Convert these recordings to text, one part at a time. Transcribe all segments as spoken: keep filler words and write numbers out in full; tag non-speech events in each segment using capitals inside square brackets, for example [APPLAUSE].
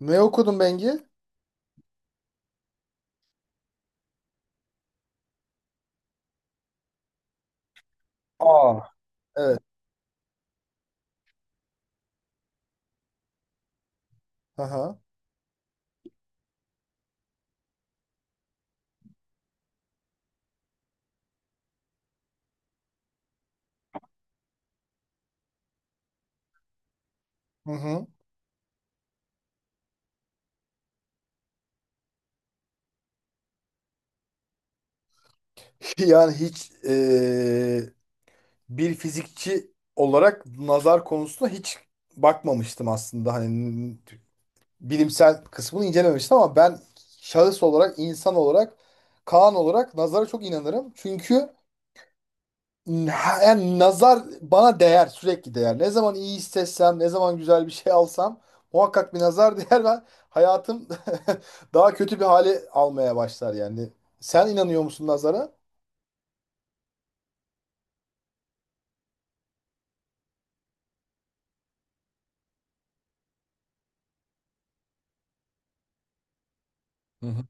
Ne okudun Bengi? Aa. Evet. Aha. Hı hı. [LAUGHS] Yani hiç eee, bir fizikçi olarak nazar konusuna hiç bakmamıştım aslında. Hani bilimsel kısmını incelememiştim ama ben şahıs olarak, insan olarak, Kaan olarak nazara çok inanırım. Çünkü ha, yani nazar bana değer, sürekli değer. Ne zaman iyi hissetsem, ne zaman güzel bir şey alsam muhakkak bir nazar [LAUGHS] değer ve hayatım [LAUGHS] daha kötü bir hale almaya başlar yani. Sen inanıyor musun nazara? Hı hı.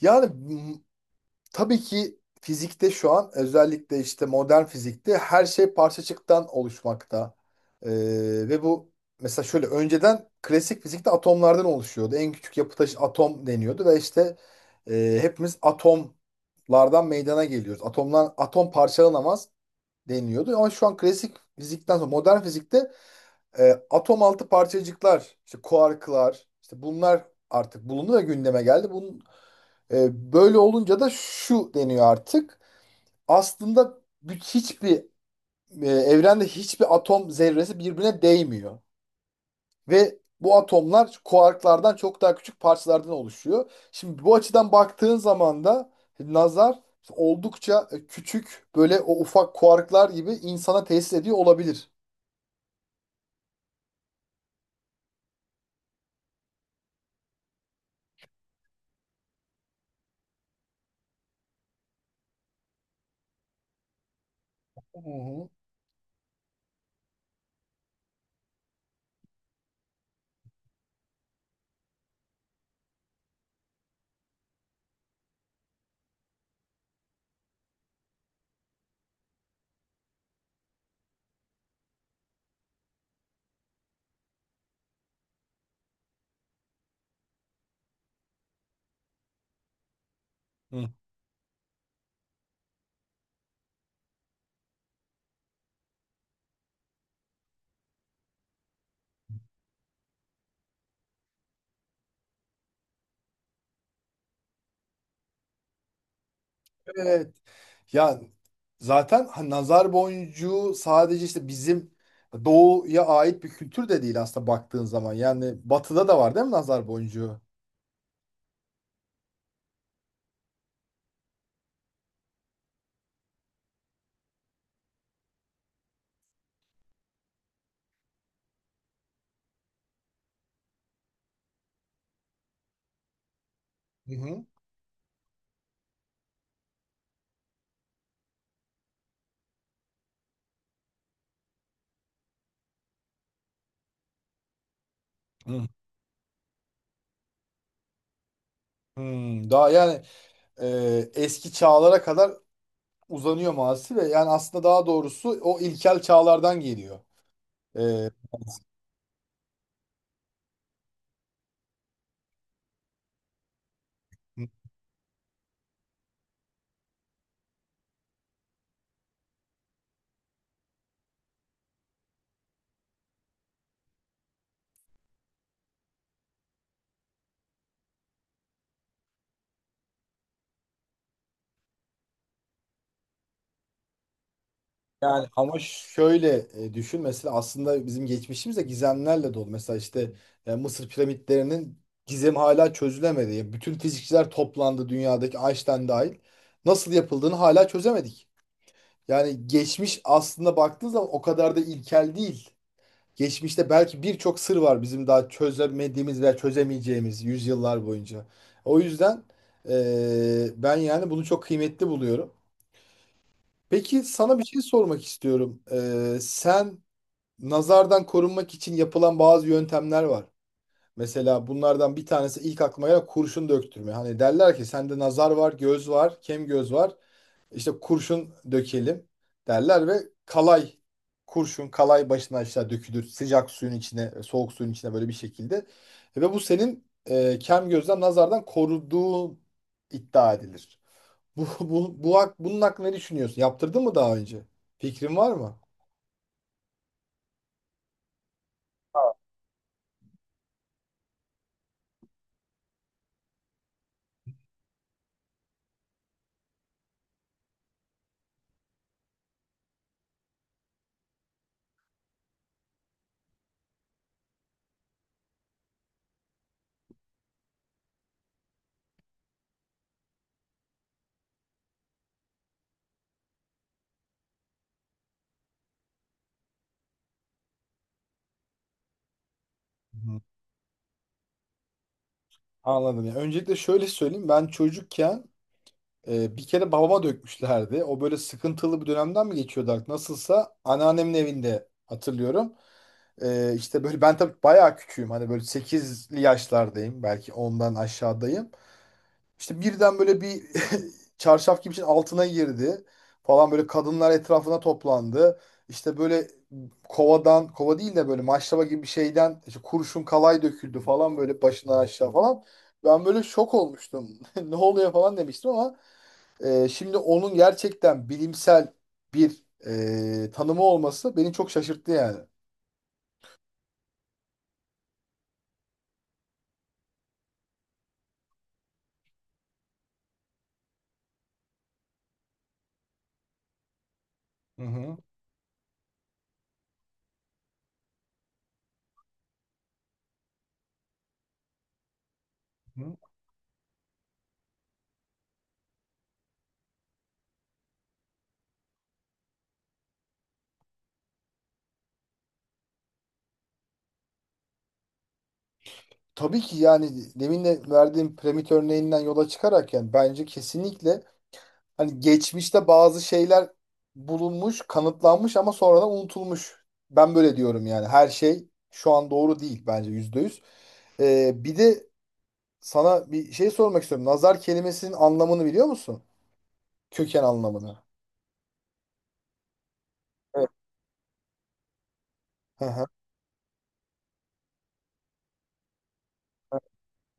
Yani tabii ki fizikte şu an özellikle işte modern fizikte her şey parçacıktan oluşmakta. Ee, ve bu, mesela şöyle, önceden klasik fizikte atomlardan oluşuyordu. En küçük yapı taşı atom deniyordu ve işte e, hepimiz atomlardan meydana geliyoruz. Atomlar, atom parçalanamaz deniyordu. Ama şu an klasik fizikten sonra modern fizikte e, atom altı parçacıklar, işte kuarklar, işte bunlar artık bulundu ve gündeme geldi. Bunun e, böyle olunca da şu deniyor artık. Aslında bir- hiçbir e, evrende hiçbir atom zerresi birbirine değmiyor. Ve bu atomlar kuarklardan çok daha küçük parçalardan oluşuyor. Şimdi bu açıdan baktığın zaman da nazar oldukça e, küçük, böyle o ufak kuarklar gibi insana tesis ediyor olabilir. Hı hı. Hı. Evet. Ya zaten hani nazar boncuğu sadece işte bizim doğuya ait bir kültür de değil aslında baktığın zaman. Yani batıda da var değil mi nazar boncuğu? Hı hı. Hı. Hmm, daha yani e, eski çağlara kadar uzanıyor maalesef ve yani aslında daha doğrusu o ilkel çağlardan geliyor. E, Yani ama şöyle e, düşün mesela, aslında bizim geçmişimiz de gizemlerle dolu. Mesela işte e, Mısır piramitlerinin gizemi hala çözülemedi. Yani bütün fizikçiler toplandı dünyadaki, Einstein dahil. Nasıl yapıldığını hala çözemedik. Yani geçmiş aslında baktığınız zaman o kadar da ilkel değil. Geçmişte belki birçok sır var bizim daha çözemediğimiz veya çözemeyeceğimiz yüzyıllar boyunca. O yüzden e, ben yani bunu çok kıymetli buluyorum. Peki sana bir şey sormak istiyorum. Ee, sen nazardan korunmak için yapılan bazı yöntemler var. Mesela bunlardan bir tanesi ilk aklıma gelen kurşun döktürme. Hani derler ki sende nazar var, göz var, kem göz var. İşte kurşun dökelim derler ve kalay, kurşun kalay başına aşağı dökülür. Sıcak suyun içine, soğuk suyun içine, böyle bir şekilde. Ve bu senin e, kem gözden, nazardan koruduğu iddia edilir. Bu, bu, bu, hak- bunun hakkında ne düşünüyorsun? Yaptırdın mı daha önce? Fikrin var mı? Anladım ya. Öncelikle şöyle söyleyeyim. Ben çocukken e, bir kere babama dökmüşlerdi. O böyle sıkıntılı bir dönemden mi geçiyordu artık? Nasılsa anneannemin evinde hatırlıyorum. E, işte böyle ben tabii bayağı küçüğüm. Hani böyle sekizli yaşlardayım. Belki ondan aşağıdayım. İşte birden böyle bir [LAUGHS] çarşaf gibi bir şeyin altına girdi falan, böyle kadınlar etrafına toplandı. İşte böyle kovadan, kova değil de böyle maşraba gibi bir şeyden işte kurşun kalay döküldü falan, böyle başından aşağı falan. Ben böyle şok olmuştum. [LAUGHS] Ne oluyor falan demiştim ama e, şimdi onun gerçekten bilimsel bir e, tanımı olması beni çok şaşırttı yani. Hı hı. Hı. Tabii ki, yani demin de verdiğim piramit örneğinden yola çıkarak yani bence kesinlikle hani geçmişte bazı şeyler bulunmuş, kanıtlanmış ama sonradan unutulmuş. Ben böyle diyorum yani. Her şey şu an doğru değil bence yüzde yüz. Ee, bir de sana bir şey sormak istiyorum. Nazar kelimesinin anlamını biliyor musun? Köken anlamını. Evet. Hı hı.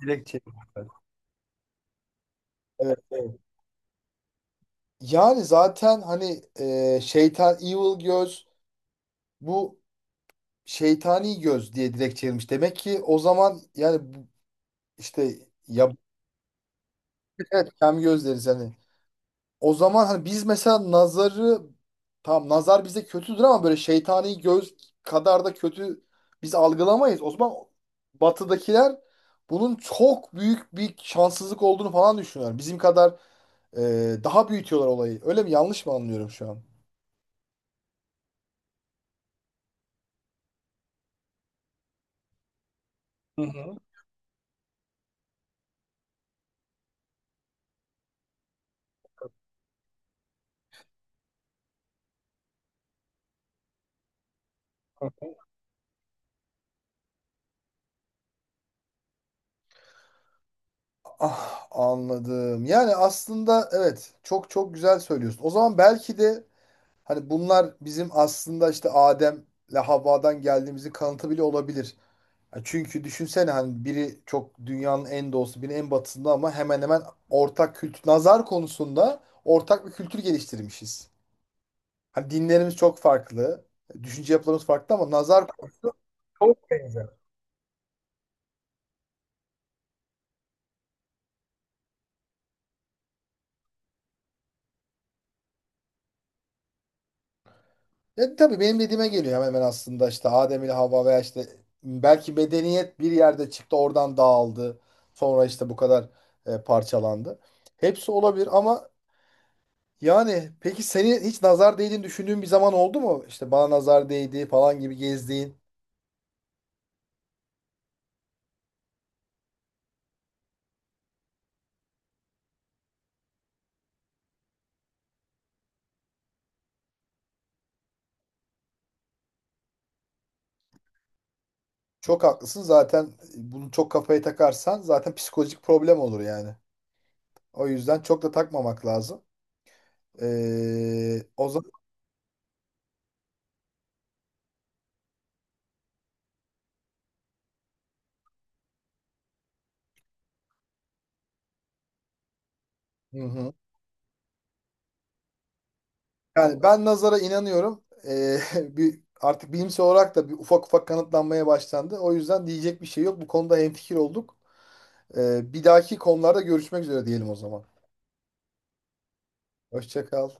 Direkt çeviriyorlar. Evet, evet. Yani zaten hani e, şeytan, evil göz, bu şeytani göz diye direkt çevirmiş. Demek ki o zaman yani bu- işte ya, evet, kem göz deriz hani. O zaman hani biz mesela nazarı, tamam nazar bize kötüdür ama böyle şeytani göz kadar da kötü biz algılamayız. O zaman batıdakiler bunun çok büyük bir şanssızlık olduğunu falan düşünüyorlar. Bizim kadar e, daha büyütüyorlar olayı. Öyle mi? Yanlış mı anlıyorum şu an? Hı hı. Ah, anladım. Yani aslında evet, çok çok güzel söylüyorsun. O zaman belki de hani bunlar bizim aslında işte Adem'le Havva'dan geldiğimizin kanıtı bile olabilir. Ya çünkü düşünsene, hani biri çok dünyanın en doğusu, biri en batısında ama hemen hemen ortak kültür, nazar konusunda ortak bir kültür geliştirmişiz. Hani dinlerimiz çok farklı, düşünce yapılarımız farklı ama nazar çok benzer. Ya tabii benim dediğime geliyor hemen hemen, aslında işte Adem ile Havva veya işte belki medeniyet bir yerde çıktı, oradan dağıldı. Sonra işte bu kadar e, parçalandı. Hepsi olabilir ama yani peki seni hiç nazar değdiğini düşündüğün bir zaman oldu mu? İşte bana nazar değdi falan gibi gezdiğin. Çok haklısın. Zaten bunu çok kafaya takarsan zaten psikolojik problem olur yani. O yüzden çok da takmamak lazım. Ee, o zaman hı hı. Yani ben nazara inanıyorum. Ee, [LAUGHS] bir artık bilimsel olarak da bir ufak ufak kanıtlanmaya başlandı. O yüzden diyecek bir şey yok. Bu konuda hemfikir olduk. Ee, bir dahaki konularda görüşmek üzere diyelim o zaman. Hoşça kal.